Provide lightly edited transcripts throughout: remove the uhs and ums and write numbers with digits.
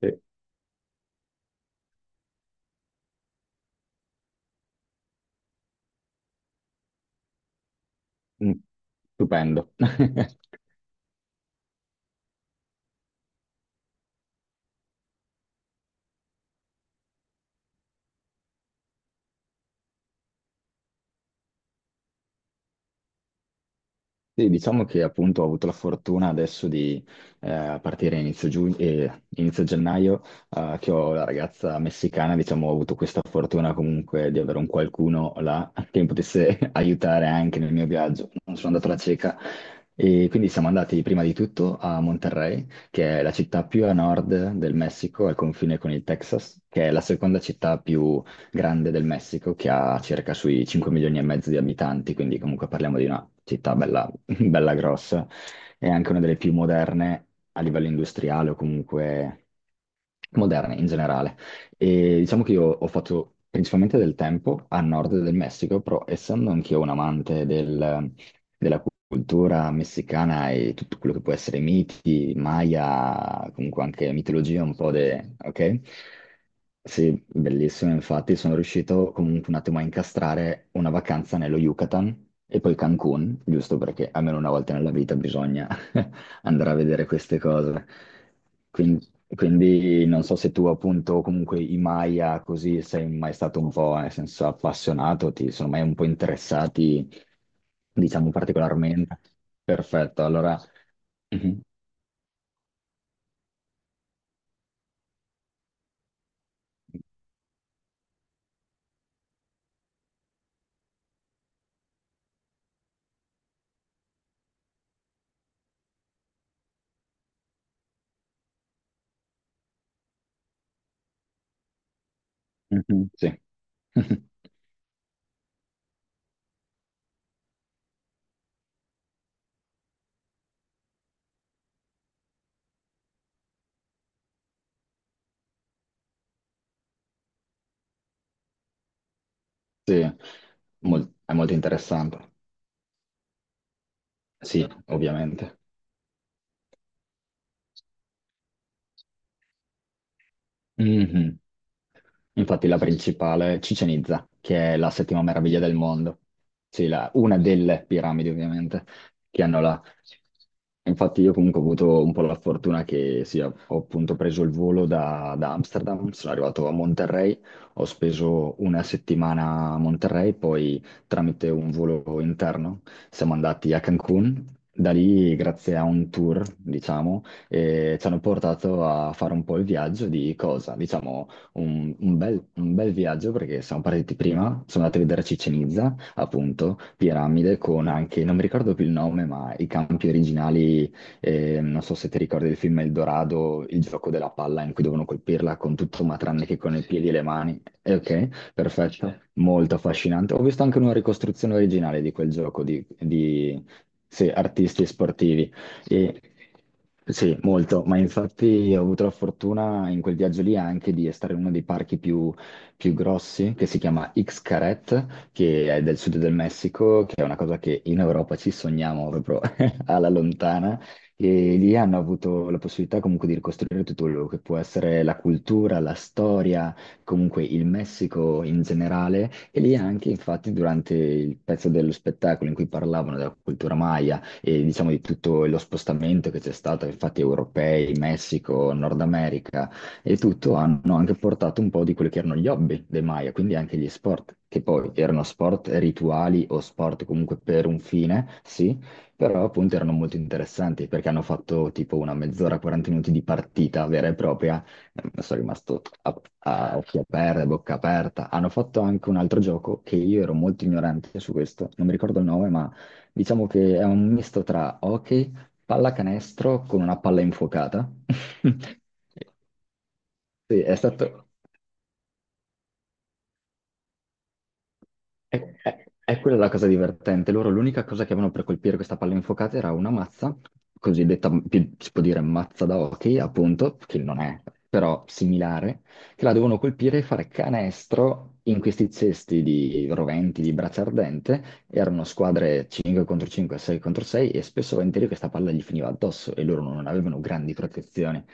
Sì, mm, stupendo. Sì, diciamo che appunto ho avuto la fortuna adesso di a partire inizio, giugno, inizio gennaio, che ho la ragazza messicana, diciamo, ho avuto questa fortuna comunque di avere un qualcuno là che mi potesse aiutare anche nel mio viaggio. Non sono andato alla cieca. E quindi siamo andati prima di tutto a Monterrey, che è la città più a nord del Messico, al confine con il Texas, che è la seconda città più grande del Messico, che ha circa sui 5 milioni e mezzo di abitanti, quindi comunque parliamo di una città bella bella grossa, è anche una delle più moderne a livello industriale o comunque moderne in generale. E diciamo che io ho fatto principalmente del tempo a nord del Messico, però essendo anch'io un amante della cultura messicana e tutto quello che può essere miti, Maya, comunque anche mitologia un po' de... ok? Sì, bellissimo, infatti sono riuscito comunque un attimo a incastrare una vacanza nello Yucatan e poi Cancun, giusto perché almeno una volta nella vita bisogna andare a vedere queste cose. Quindi, quindi, non so se tu appunto comunque i Maya così sei mai stato un po' nel senso appassionato, ti sono mai un po' interessati, diciamo particolarmente. Perfetto, allora. Mhm. Mhm. Sì. Sì, mol- è molto interessante. Sì, ovviamente. Mhm. Infatti la principale, Chichen Itza, che è la settima meraviglia del mondo. Sì, la- una delle piramidi ovviamente che hanno là. Infatti io comunque ho avuto un po' la fortuna che sì, ho appunto preso il volo da, da Amsterdam, sono arrivato a Monterrey, ho speso una settimana a Monterrey, poi tramite un volo interno siamo andati a Cancun, da lì grazie a un tour, diciamo, e ci hanno portato a fare un po' il viaggio di cosa? Diciamo un bel viaggio perché siamo partiti prima, sono andato a vedere Chichen Itza, appunto, piramide con anche, non mi ricordo più il nome, ma i campi originali, non so se ti ricordi il film Eldorado, il gioco della palla in cui devono colpirla con tutto ma tranne che con i piedi e le mani. Ok, perfetto, molto affascinante. Ho visto anche una ricostruzione originale di quel gioco sì, artisti sportivi. E, sì, molto, ma infatti ho avuto la fortuna in quel viaggio lì anche di stare in uno dei parchi più, più grossi, che si chiama Xcaret, che è del sud del Messico, che è una cosa che in Europa ci sogniamo proprio alla lontana. E lì hanno avuto la possibilità comunque di ricostruire tutto quello che può essere la cultura, la storia, comunque il Messico in generale. E lì anche, infatti, durante il pezzo dello spettacolo in cui parlavano della cultura maya, e diciamo di tutto lo spostamento che c'è stato, infatti europei, Messico, Nord America e tutto hanno anche portato un po' di quelli che erano gli hobby dei Maya, quindi anche gli sport, che poi erano sport rituali o sport comunque per un fine, sì, però appunto erano molto interessanti perché hanno fatto tipo una mezz'ora, 40 minuti di partita vera e propria. Sono rimasto a occhi aperti, a bocca aperta. Hanno fatto anche un altro gioco che io ero molto ignorante su questo, non mi ricordo il nome, ma diciamo che è un misto tra hockey, pallacanestro con una palla infuocata. Sì, è stato, è quella la cosa divertente. Loro l'unica cosa che avevano per colpire questa palla infuocata era una mazza, cosiddetta, più- si può dire mazza da hockey, appunto, che non è, però similare, che la devono colpire e fare canestro in questi cesti di roventi, di braccia ardente. Erano squadre 5 contro 5, 6 contro 6 e spesso e volentieri questa palla gli finiva addosso e loro non avevano grandi protezioni.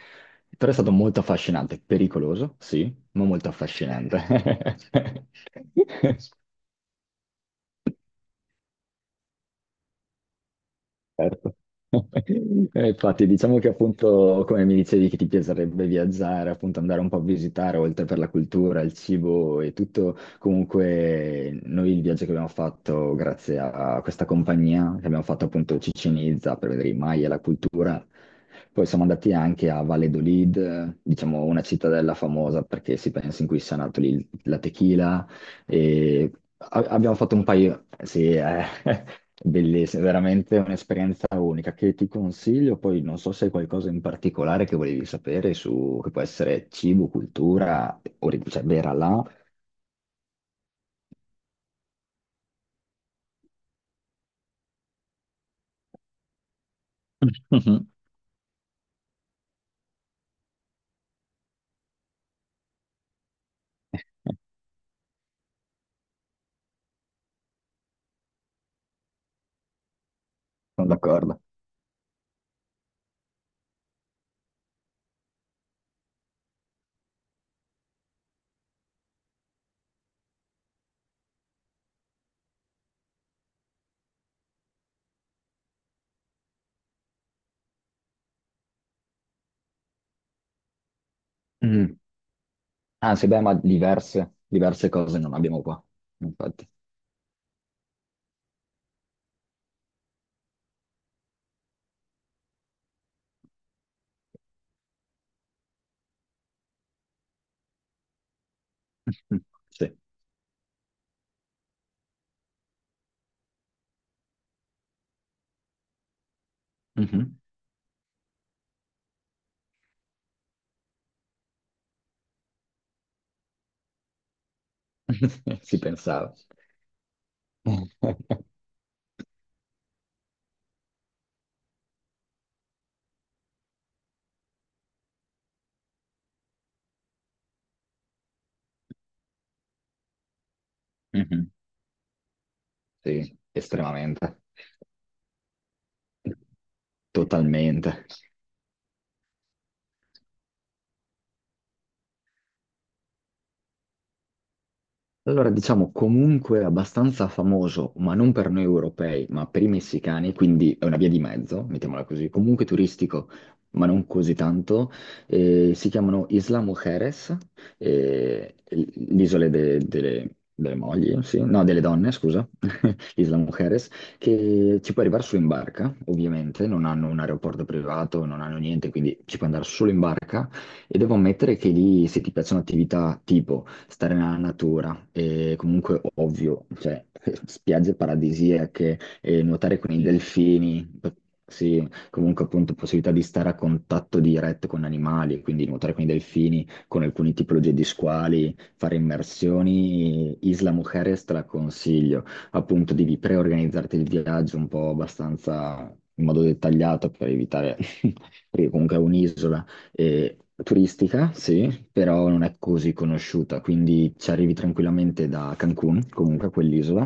Però è stato molto affascinante, pericoloso, sì, ma molto affascinante. Certo. Infatti, diciamo che appunto, come mi dicevi, che ti piacerebbe viaggiare, appunto andare un po' a visitare, oltre per la cultura, il cibo e tutto, comunque noi il viaggio che abbiamo fatto grazie a questa compagnia, che abbiamo fatto appunto Cicinizza per vedere i Maya e la cultura, poi siamo andati anche a Valladolid, diciamo una cittadella famosa perché si pensa in cui sia nato lì la tequila, e abbiamo fatto un paio, sì, è bellissimo, veramente un'esperienza unica che ti consiglio. Poi non so se hai qualcosa in particolare che volevi sapere su, che può essere cibo, cultura, ori- cioè vera là. Mhm. Sono d'accordo. Mm. Anzi, beh, ma diverse, diverse cose non abbiamo qua, infatti. Mhm. Sì. Mhm. Si pensava. Mhm. Sì, estremamente. Totalmente. Allora, diciamo comunque abbastanza famoso, ma non per noi europei, ma per i messicani, quindi è una via di mezzo, mettiamola così, comunque turistico, ma non così tanto. Si chiamano Isla Mujeres, eh, l- l'isole delle, delle mogli, sì, no, delle donne, scusa, Isla Mujeres, che ci puoi arrivare solo in barca, ovviamente, non hanno un aeroporto privato, non hanno niente, quindi ci puoi andare solo in barca. E devo ammettere che lì, se ti piacciono attività tipo stare nella natura. E comunque, ovvio, cioè, spiagge paradisiache, e nuotare con i, sì, delfini, p- sì, comunque appunto possibilità di stare a contatto diretto con animali, quindi nuotare con i delfini, con alcune tipologie di squali, fare immersioni. Isla Mujeres te la consiglio. Appunto, devi preorganizzarti il viaggio un po' abbastanza in modo dettagliato per evitare, perché comunque è un'isola eh, turistica, sì, però non è così conosciuta, quindi ci arrivi tranquillamente da Cancun, comunque quell'isola,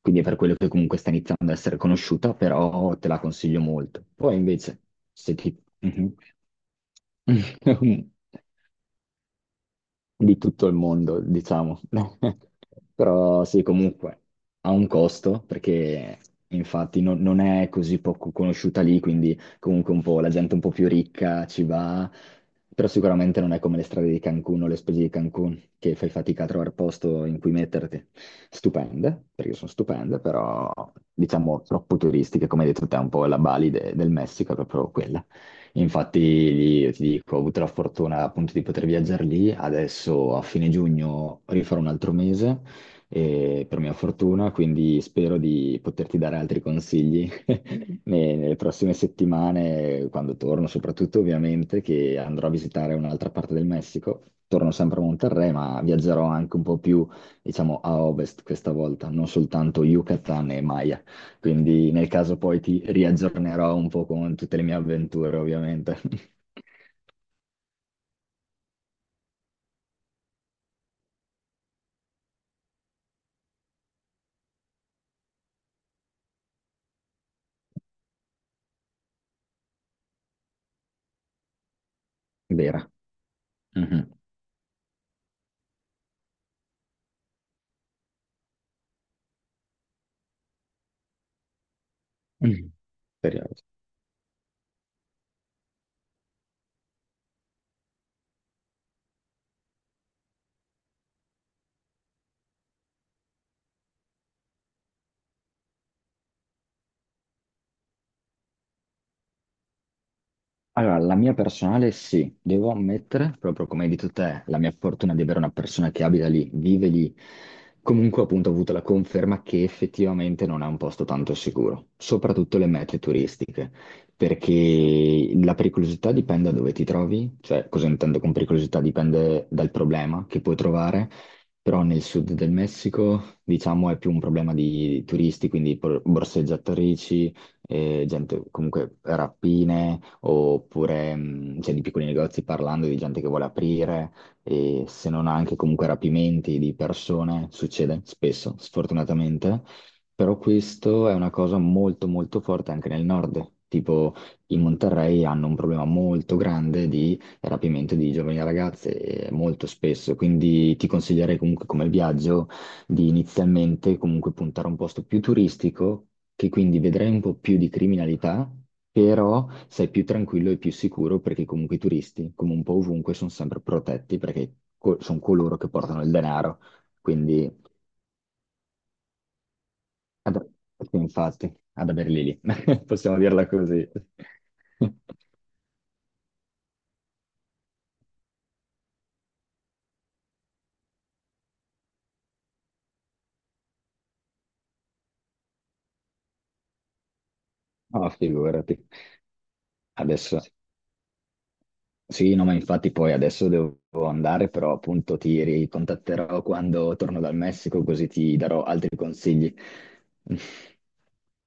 quindi è per quello che comunque sta iniziando ad essere conosciuta, però te la consiglio molto. Poi invece, se ti... Mhm. di tutto il mondo, diciamo. Però sì, comunque ha un costo perché infatti non è così poco conosciuta lì, quindi comunque un po' la gente un po' più ricca ci va, però sicuramente non è come le strade di Cancun o le spese di Cancun che fai fatica a trovare posto in cui metterti. Stupende, perché sono stupende, però diciamo troppo turistiche, come hai detto te, un po' la Bali del Messico è proprio quella. Infatti, lì, io ti dico, ho avuto la fortuna appunto di poter viaggiare lì. Adesso a fine giugno rifarò un altro mese, per mia fortuna, quindi spero di poterti dare altri consigli ne- nelle prossime settimane, quando torno, soprattutto ovviamente che andrò a visitare un'altra parte del Messico. Torno sempre a Monterrey, ma viaggerò anche un po' più, diciamo, a ovest questa volta, non soltanto Yucatan e Maya. Quindi nel caso poi ti riaggiornerò un po' con tutte le mie avventure, ovviamente. Vera. Mhm. Speriamo. Allora, la mia personale sì, devo ammettere, proprio come hai detto te, la mia fortuna di avere una persona che abita lì, vive lì. Comunque, appunto, ho avuto la conferma che effettivamente non è un posto tanto sicuro, soprattutto le mete turistiche, perché la pericolosità dipende da dove ti trovi, cioè cosa intendo con pericolosità dipende dal problema che puoi trovare, però nel sud del Messico, diciamo, è più un problema di turisti, quindi por- borseggiatrici, gente, comunque rapine, oppure cioè, di piccoli negozi parlando di gente che vuole aprire, e se non anche comunque rapimenti di persone, succede spesso, sfortunatamente. Però questo è una cosa molto molto forte anche nel nord. Tipo, in Monterrey hanno un problema molto grande di rapimento di giovani ragazze, molto spesso. Quindi ti consiglierei comunque come viaggio di inizialmente comunque puntare a un posto più turistico, che quindi vedrai un po' più di criminalità, però sei più tranquillo e più sicuro perché comunque i turisti, come un po' ovunque, sono sempre protetti perché co- sono coloro che portano il denaro. Quindi, ad- sì, infatti, ad averli lì, possiamo dirla così. No, figurati. Adesso sì, no, ma infatti poi adesso devo andare, però appunto ti ricontatterò quando torno dal Messico, così ti darò altri consigli.